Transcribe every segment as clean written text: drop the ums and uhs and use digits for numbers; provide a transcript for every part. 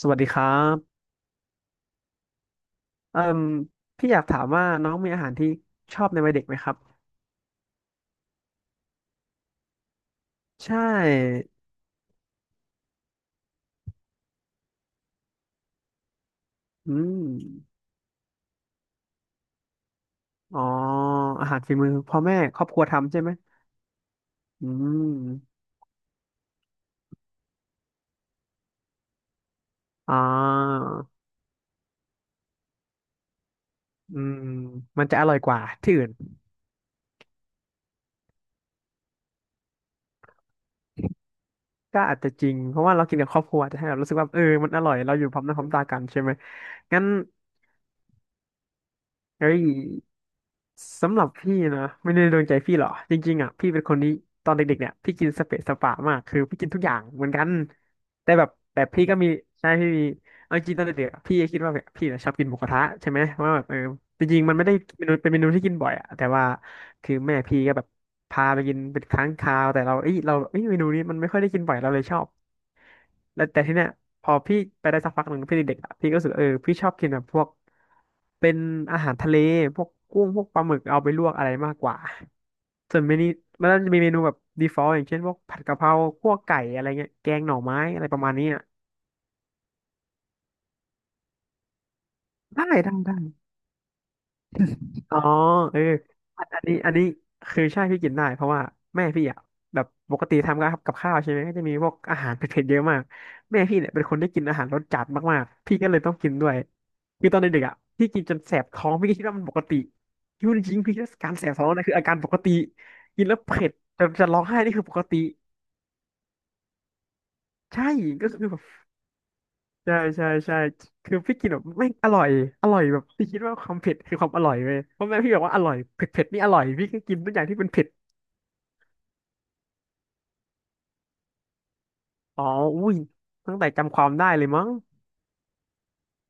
สวัสดีครับเอ่มพี่อยากถามว่าน้องมีอาหารที่ชอบในวัยเด็กไหมครับใช่อืมอ๋ออาหารฝีมือพ่อแม่ครอบครัวทำใช่ไหมอืมอ่าอืมมันจะอร่อยกว่าที่อื่นก็อาจจะจริงเพราะว่าเรากินกับครอบครัวจะให้เรารู้สึกว่าเออมันอร่อยเราอยู่พร้อมหน้าพร้อมตากันใช่ไหมงั้นเอ้ย สำหรับพี่นะไม่ได้โดนใจพี่หรอกจริงๆอ่ะพี่เป็นคนนี้ตอนเด็กๆเนี่ยพี่กินสเปะสปะมากคือพี่กินทุกอย่างเหมือนกันแต่แบบแต่พี่ก็มีใช่พี่มีเอาจริงตอนเด็กๆอะพี่ก็คิดว่าแบบพี่น่ะชอบกินหมูกระทะใช่ไหมว่าแบบเออจริงๆมันไม่ได้เมนูเป็นเมนูที่กินบ่อยอ่ะแต่ว่าคือแม่พี่ก็แบบพาไปกินเป็นครั้งคราวแต่เราเอ้ยเมนูนี้มันไม่ค่อยได้กินบ่อยเราเลยชอบ แล้วแต่ที่เนี้ยพอพี่ไปได้สักพักหนึ่งพี่เด็กๆอะพี่ก็รู้สึกเออพี่ชอบกินแบบพวกเป็นอาหารทะเลพวกกุ้งพวกปลาหมึกเอาไปลวกอะไรมากกว่าส่วนเมนูมันก็จะมีเมนูแบบดีฟอลต์อย่างเช่นพวกผัดกะเพราคั่วไก่อะไรเงี้ยแกงหน่อไม้อะไรประมาณนี้อะได้ได้ได้ อ๋อเอออันนี้อันนี้คือใช่พี่กินได้เพราะว่าแม่พี่อ่ะแบบปกติทำกับข้าวใช่ไหมก็จะมีพวกอาหารเผ็ดๆเยอะมากแม่พี่เนี่ยเป็นคนที่กินอาหารรสจัดมากๆพี่ก็เลยต้องกินด้วยคือตอนเด็กๆอ่ะพี่กินจนแสบท้องพี่ก็คิดว่ามันปกติคิดว่าจริงๆพี่คิ่การแสบท้องนั่นคืออาการปกติกินแล้วเผ็ดจะร้องไห้นี่คือปกติใช่ก็คือแบบใช่ใช่ใช่คือพี่กินแบบแม่งอร่อยอร่อยแบบพี่คิดว่าความเผ็ดคือความอร่อยเลยเพราะแม่พี่บอกว่าอร่อยเผ็ดเผ็ดนี่อร่อยพี่ก็กินทุกอย่างที่เป็นเผ็ด อ๋ออุ้ยตั้งแต่จำความได้เลยมั้ง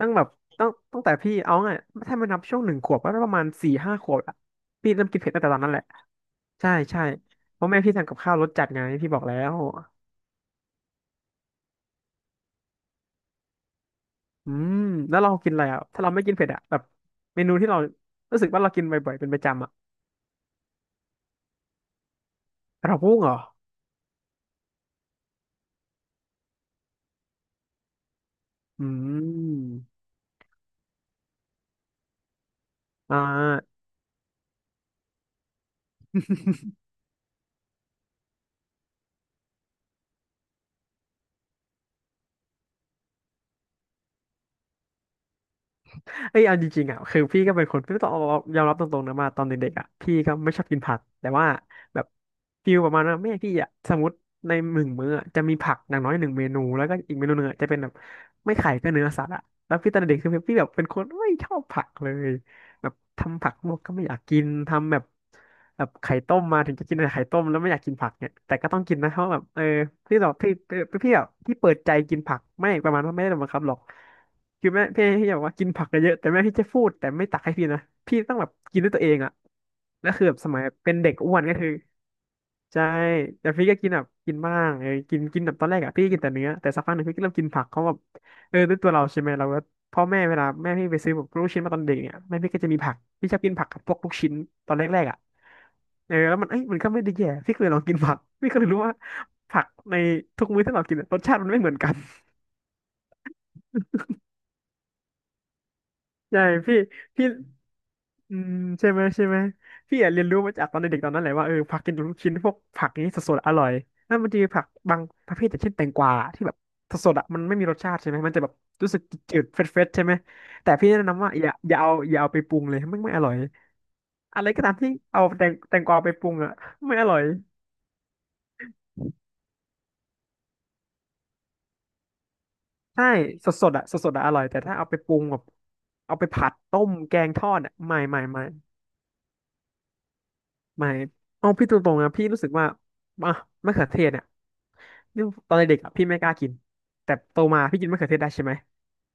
ตั้งแบบตั้งแต่พี่เอาไงถ้ามันนับช่วงหนึ่งขวบก็ประมาณสี่ห้าขวบอะพี่เริ่มกินเผ็ดตั้งแต่ตอนนั้นแหละ ใช่ใช่เพราะแม่พี่ทำกับข้าวรสจัดไงพี่บอกแล้ว อืม แล้วเรากินอะไรอ่ะถ้าเราไม่กินเผ็ดอ่ะแบบเมนูที่เรารู้สึกว่าเรากินบ่อยๆเป็นประจำอ่ะกระเพราะกุ้งเหรออืมอ่า เอ้ยเอาจริงๆอ่ะคือพี่ก็เป็นคนพี่ต้องเยอมรับตรงๆนะมาตอนเด็กๆอ่ะพี่ก็ไม่ชอบกินผักแต่ว่าแบบฟิลประมาณว่าแม่พี่อ่ะสมมติในหนึ่งมื้ออะจะมีผักอย่างน้อยหนึ่งเมนูแล้วก็อีกเมนูหนึ่งอะจะเป็นแบบไม่ไข่ก็เนื้อสัตว์อ่ะแล้วพี่ตอนเด็กคือพี่แบบเป็นคนไม่ชอบผักเลยแบบทำผักลวกก็ไม่อยากกินทำแบบแบบไข่ต้มมาถึงจะกินแต่ไข่ต้มแล้วไม่อยากกินผักเนี่ยแต่ก็ต้องกินนะเพราะแบบเออพี่แบบพี่พี่แบบพี่เปิดใจกินผักไม่ประมาณว่าไม่ได้โดนบังคับหรอก คือแม่พี่บอกว่ากินผักเยอะๆแต่แม่พี่จะพูดแต่ไม่ตักให้พี่นะพี่ต้องแบบกินด้วยตัวเองอ่ะแล้วคือแบบสมัยเป็นเด็กอ้วนก็คือใช่แต่พี่ก็กินแบบกินบ้างเออกินกินแบบตอนแรกอ่ะพี่ก็กินแต่เนื้อแต่สักพักหนึ่งพี่ก็เริ่มกินผักเขาแบบเออด้วยตัวเราใช่ไหมเราก็พ่อแม่เวลาแม่พี่ไปซื้อแบบลูกชิ้นมาตอนเด็กเนี่ยแม่พี่ก็จะมีผักพี่ชอบกินผักกับพวกลูกชิ้นตอนแรกๆอ่ะเออแล้วมันเอ้ยมันก็ไม่ได้แย่พี่ก็เลยลองกินผักพี่ก็เลยรู้ว่าผักในทุกมื้อที่เรากินอะรสชาติมันไม่เหมือนกันใช่พี่พี่ อืมใช่ไหมใช่ไหมพี่อะเรียนรู้มาจากตอนเด็กๆตอนนั้นแหละว่าเออผักกินลูกชิ้นพวกผักนี้สดๆอร่อยแล้วมันจะมีผักบางประเภทอย่างเช่นแตงกวาที่แบบสดๆอะมันไม่มีรสชาติใช่ไหมมันจะแบบรู้สึกจืดๆเฟรชๆใช่ไหมแต่พี่แนะนำว่าอย่าเอาไปปรุงเลยไม่อร่อยอะไรก็ตามที่เอาแตงกวาไปปรุงอะไม่อร่อยใช่สดๆอะสดๆอะอร่อยแต่ถ้าเอาไปปรุงแบบเอาไปผัดต้มแกงทอดอะไม่ไม่ไม่ ไม่เอาพี่ตรงๆนะพี่รู้สึกว่าอ่ะมะเขือเทศเนี่ยนี่ตอนเด็กๆอ่ะพี่ไม่กล้ากินแต่โตมาพี่กินมะเขือเทศได้ใช่ไหม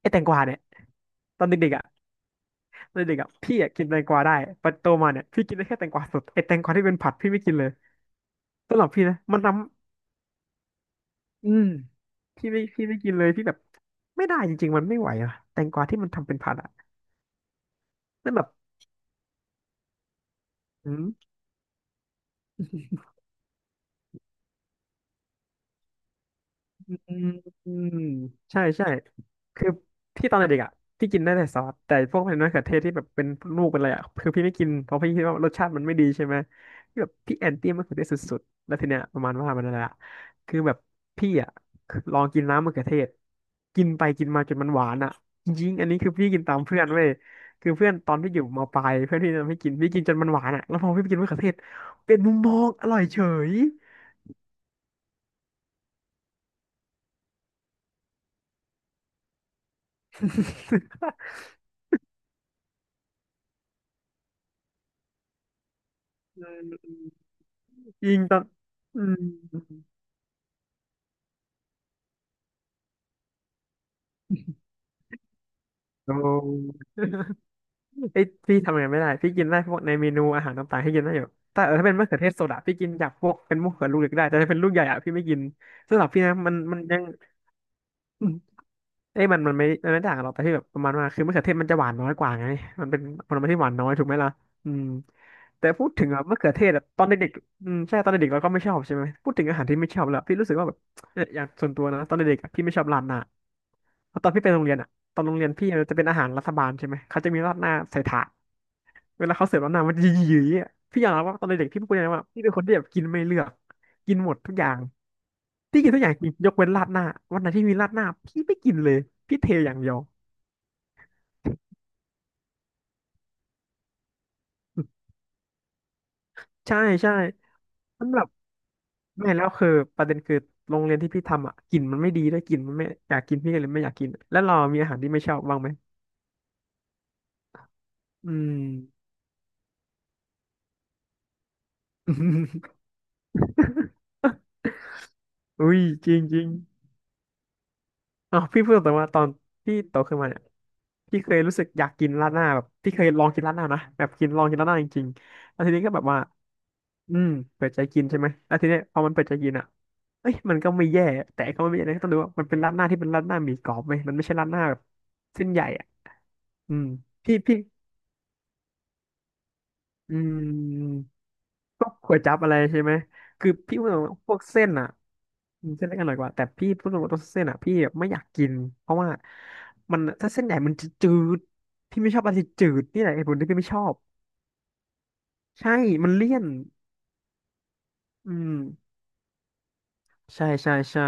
ไอ้แตงกวาเนี่ยตอนเด็กๆอ่ะตอนเด็กๆอ่ะพี่อ่ะกินแตงกวาได้แต่โตมาเนี่ยพี่กินได้แค่แตงกวาสดไอ้แตงกวาที่เป็นผัดพี่ไม่กินเลยสำหรับพี่นะมันน้ำอืมพี่ไม่กินเลยพี่แบบไม่ได้จริงๆมันไม่ไหวอ่ะแตงกวาที่มันทำเป็นผัดอ่ะนั่นแบบ อืมอืมใช่ใช่คือพี่ตอนเด็กๆอ่ะพี่กินได้แต่ซอสแต่พวกเป็นมะเขือเทศที่แบบเป็นลูกเป็นอะไรอ่ะคือพี่ไม่กินเพราะพี่คิดว่ารสชาติมันไม่ดีใช่ไหมพี่แบบพี่แอนตี้มะเขือเทศสุดๆแล้วทีเนี้ยประมาณว่ามันอะไรอ่ะคือแบบพี่อ่ะลองกินน้ำมะเขือเทศกินไปกินมาจนมันหวานอ่ะจริงๆอันนี้คือพี่กินตามเพื่อนเว้ยคือเพื่อนตอนพี่อยู่มปลายเพื่อนพี่ทำให้กินพี่กินจนมันหวานอ่ะแล้วพอพี่ไปกินมะเขือเทศเป็นมุมมองอร่อยเฉย ยิงตอนอืมโอ้ ไอ้ยพี่ทำอย่างนั้นไม่ได้ พี่กินได้พวกในเมนูอาหารต่างๆให้กินได้อยู่ แต่เออถ้าเป็นมะเขือเทศโซดาพี่กินจากพวกเป็นมะเขือลูกเล็กได้ แต่ถ้าเป็นลูกใหญ่อะพี่ไม่กินสำหรับพี่นะมันมันยัง เอ้ยมันไม่ต่างกันหรอกแต่ที่แบบประมาณว่าคือมะเขือเทศมันจะหวานน้อยกว่าไงมันเป็นผลไม้ที่หวานน้อยถูกไหมล่ะอืมแต่พูดถึงอะมะเขือเทศอะตอนเด็กๆอืมใช่ตอนเด็กๆเราก็ไม่ชอบใช่ไหมพูดถึงอาหารที่ไม่ชอบแล้วพี่รู้สึกว่าแบบเอออย่างส่วนตัวนะตอนเด็กๆอะพี่ไม่ชอบราดหน้าเพราะตอนพี่ไปโรงเรียนอะตอนโรงเรียนพี่มันจะเป็นอาหารรัฐบาลใช่ไหมเขาจะมีราดหน้าใส่ถาดเวลาเขาเสิร์ฟราดหน้ามันจะหยีๆอะพี่อยากรับว่าตอนเด็กๆพี่พูดเลยนะว่าพี่เป็นคนที่แบบกินไม่เลือกกินหมดทุกอย่างที่กินทุกอย่างจิงยกเว้นราดหน้าวันไหนที่มีราดหน้าพี่ไม่กินเลยพี่เทอย่างเดียว ใช่ใช่สำหรับแม่แล้วคือประเด็นคือโรงเรียนที่พี่ทำอ่ะกลิ่นมันไม่ดีด้วยกลิ่นมันไม่อยากกินพี่ก็เลยไม่อยากกินแล้วเรามีอาหารที่ไม่ชอบบ้างไหมอืม อุ้ยจริงจริงอ๋อพี่พูดแต่ว่าตอนพี่โตขึ้นมาเนี่ยพี่เคยรู้สึกอยากกินราดหน้าแบบพี่เคยลองกินราดหน้านะแบบกินลองกินราดหน้าจริงๆแล้วทีนี้ก็แบบว่าอืมเปิดใจกินใช่ไหมแล้วทีเนี้ยพอมันเปิดใจกินอ่ะเอ้ยมันก็ไม่แย่แต่ก็ไม่แย่นะต้องดูว่ามันเป็นราดหน้าที่เป็นราดหน้าหมี่กรอบไหมมันไม่ใช่ราดหน้าแบบเส้นใหญ่ อืมพี่อืมพวกก๋วยจั๊บอะไรใช่ไหมคือพี่พูดตรงๆพวกเส้นอ่ะอืมเส้นเล็กอร่อยกว่าแต่พี่พูดตรงๆตัวเส้นอ่ะพี่ไม่อยากกินเพราะว่ามันถ้าเส้นใหญ่มันจะจืดพี่ไม่ชอบอะไรที่จืดนี่แหละเหตุผลที่พี่ไม่ชอบใช่มันเลี่ยนอืมใช่ใช่ใช่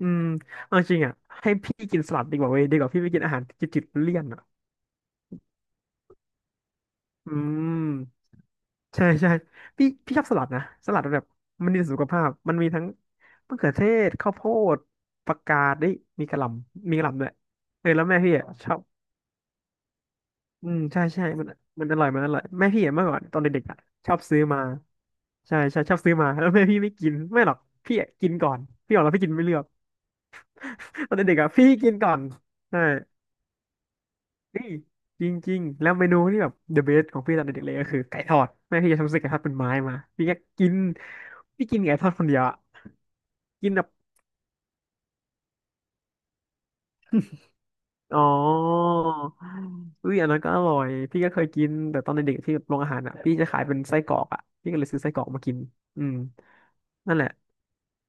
อืมเอาจริงอ่ะให้พี่กินสลัดดีกว่าเว้ยดีกว่าพี่ไปกินอาหารจืดๆเลี่ยนอ่ะอืม ใช่ใช่พี่ชอบสลัดนะสลัดแบบมันดีต่อสุขภาพมันมีทั้งมะเขือเทศข้าวโพดผักกาดได้ยมีกะหล่ำมีกะหล่ำด้วยเออแล้วแม่พี่อ่ะชอบอืมใช่ใช่มันอร่อยมันอร่อยแม่พี่อ่ะเมื่อก่อนตอนเด็กๆอะชอบซื้อมาใช่ใช่ชอบซื้อมาแล้วแม่พี่ไม่กินไม่หรอกพี่อ่ะกินก่อนพี่บอกแล้วพี่กินไม่เลือก ตอนเด็กๆอ่ะพี่กินก่อนใช่ นี่จริงๆแล้วเมนูที่แบบ the best ของพี่ตอนเด็กๆเลยก็คือไก่ทอดแม่พี่จะทำซื้อไก่ทอดเป็นไม้มาพี่ก็กินพี่กินไก่ทอดคนเดียวอะกินแบบอ๋ออุ้ยอันนั้นก็อร่อยพี่ก็เคยกินแต่ตอนเด็กๆที่โรงอาหารอ่ะพี่จะขายเป็นไส้กรอกอ่ะพี่ก็เลยซื้อไส้กรอกมากินอืมนั่นแหละ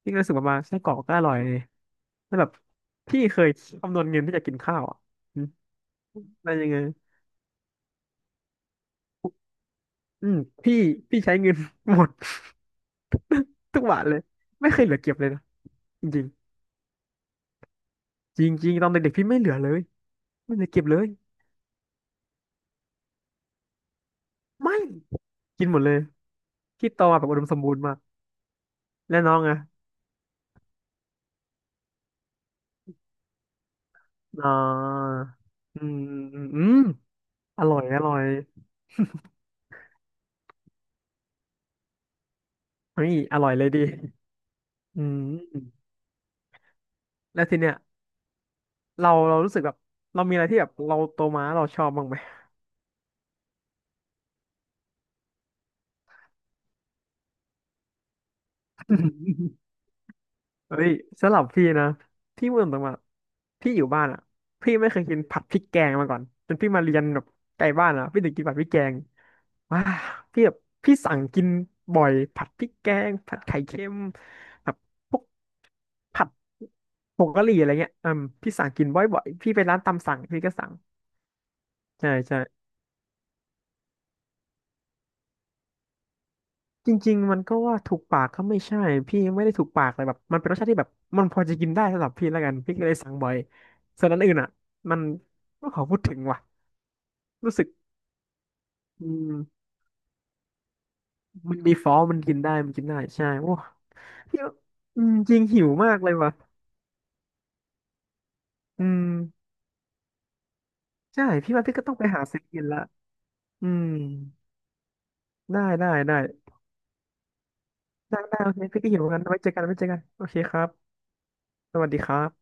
พี่ก็รู้สึกว่ามาไส้กรอกก็อร่อยเลยแล้วแบบพี่เคยคำนวณเงินที่จะกินข้าวอ่ะอืมได้ยังไงอืมพี่พี่ใช้เงิน หมดทุกบาทเลยไม่เคยเหลือเก็บเลยนะจริง จริงจริงตอนเด็กๆพี่ไม่เหลือเลยไม่เหลือเก็บเลยไม่กินหมดเลยพี่โตมาแบบอุดมสมบูรณ์มากและน้องอะอ่าอืมอืมอืมอร่อยอร่อยเฮ้ยอร่อยเลยดิอืมแล้วทีเนี้ยเราเรารู้สึกแบบเรามีอะไรที่แบบเราโตมาแล้วเราชอบบ้างไหม เฮ้ยสำหรับพี่นะ พี่เมื่อตรงมาพี่อยู่บ้านอ่ะพี่ไม่เคยกินผัดพริกแกงมาก่อน จนพี่มาเรียนแบบไกลบ้านอ่ะพี่ถึงกินผัดพริกแกงว้าพี่แบบพี่สั่งกินบ่อยผัดพริกแกงผัดไข่เค็มแบบพวกผัดผงกะหรี่อะไรเงี้ยอืมพี่สั่งกินบ่อยๆพี่ไปร้านตามสั่งพี่ก็สั่งใช่ใช่ จริงๆมันก็ว่าถูกปากก็ไม่ใช่พี่ไม่ได้ถูกปากเลยแบบมันเป็นรสชาติที่แบบมันพอจะกินได้สำหรับพี่แล้วกันพี่ก็เลยสั่งบ่อยส่วนอันอื่นอ่ะมันไม่ขอพูดถึงว่ะรู้สึกอืมมันมีฟอสมันกินได้มันกินได้ใช่โอ้พี่ว่าอืมจริงหิวมากเลยว่ะอืมใช่พี่ว่าพี่ก็ต้องไปหาซื้อกินละอืมได้ได้ได้ได้ได้โอเคพี่ก็หิวเหมือนกันไว้เจอกันไว้เจอกันโอเคครับสวัสดีครับ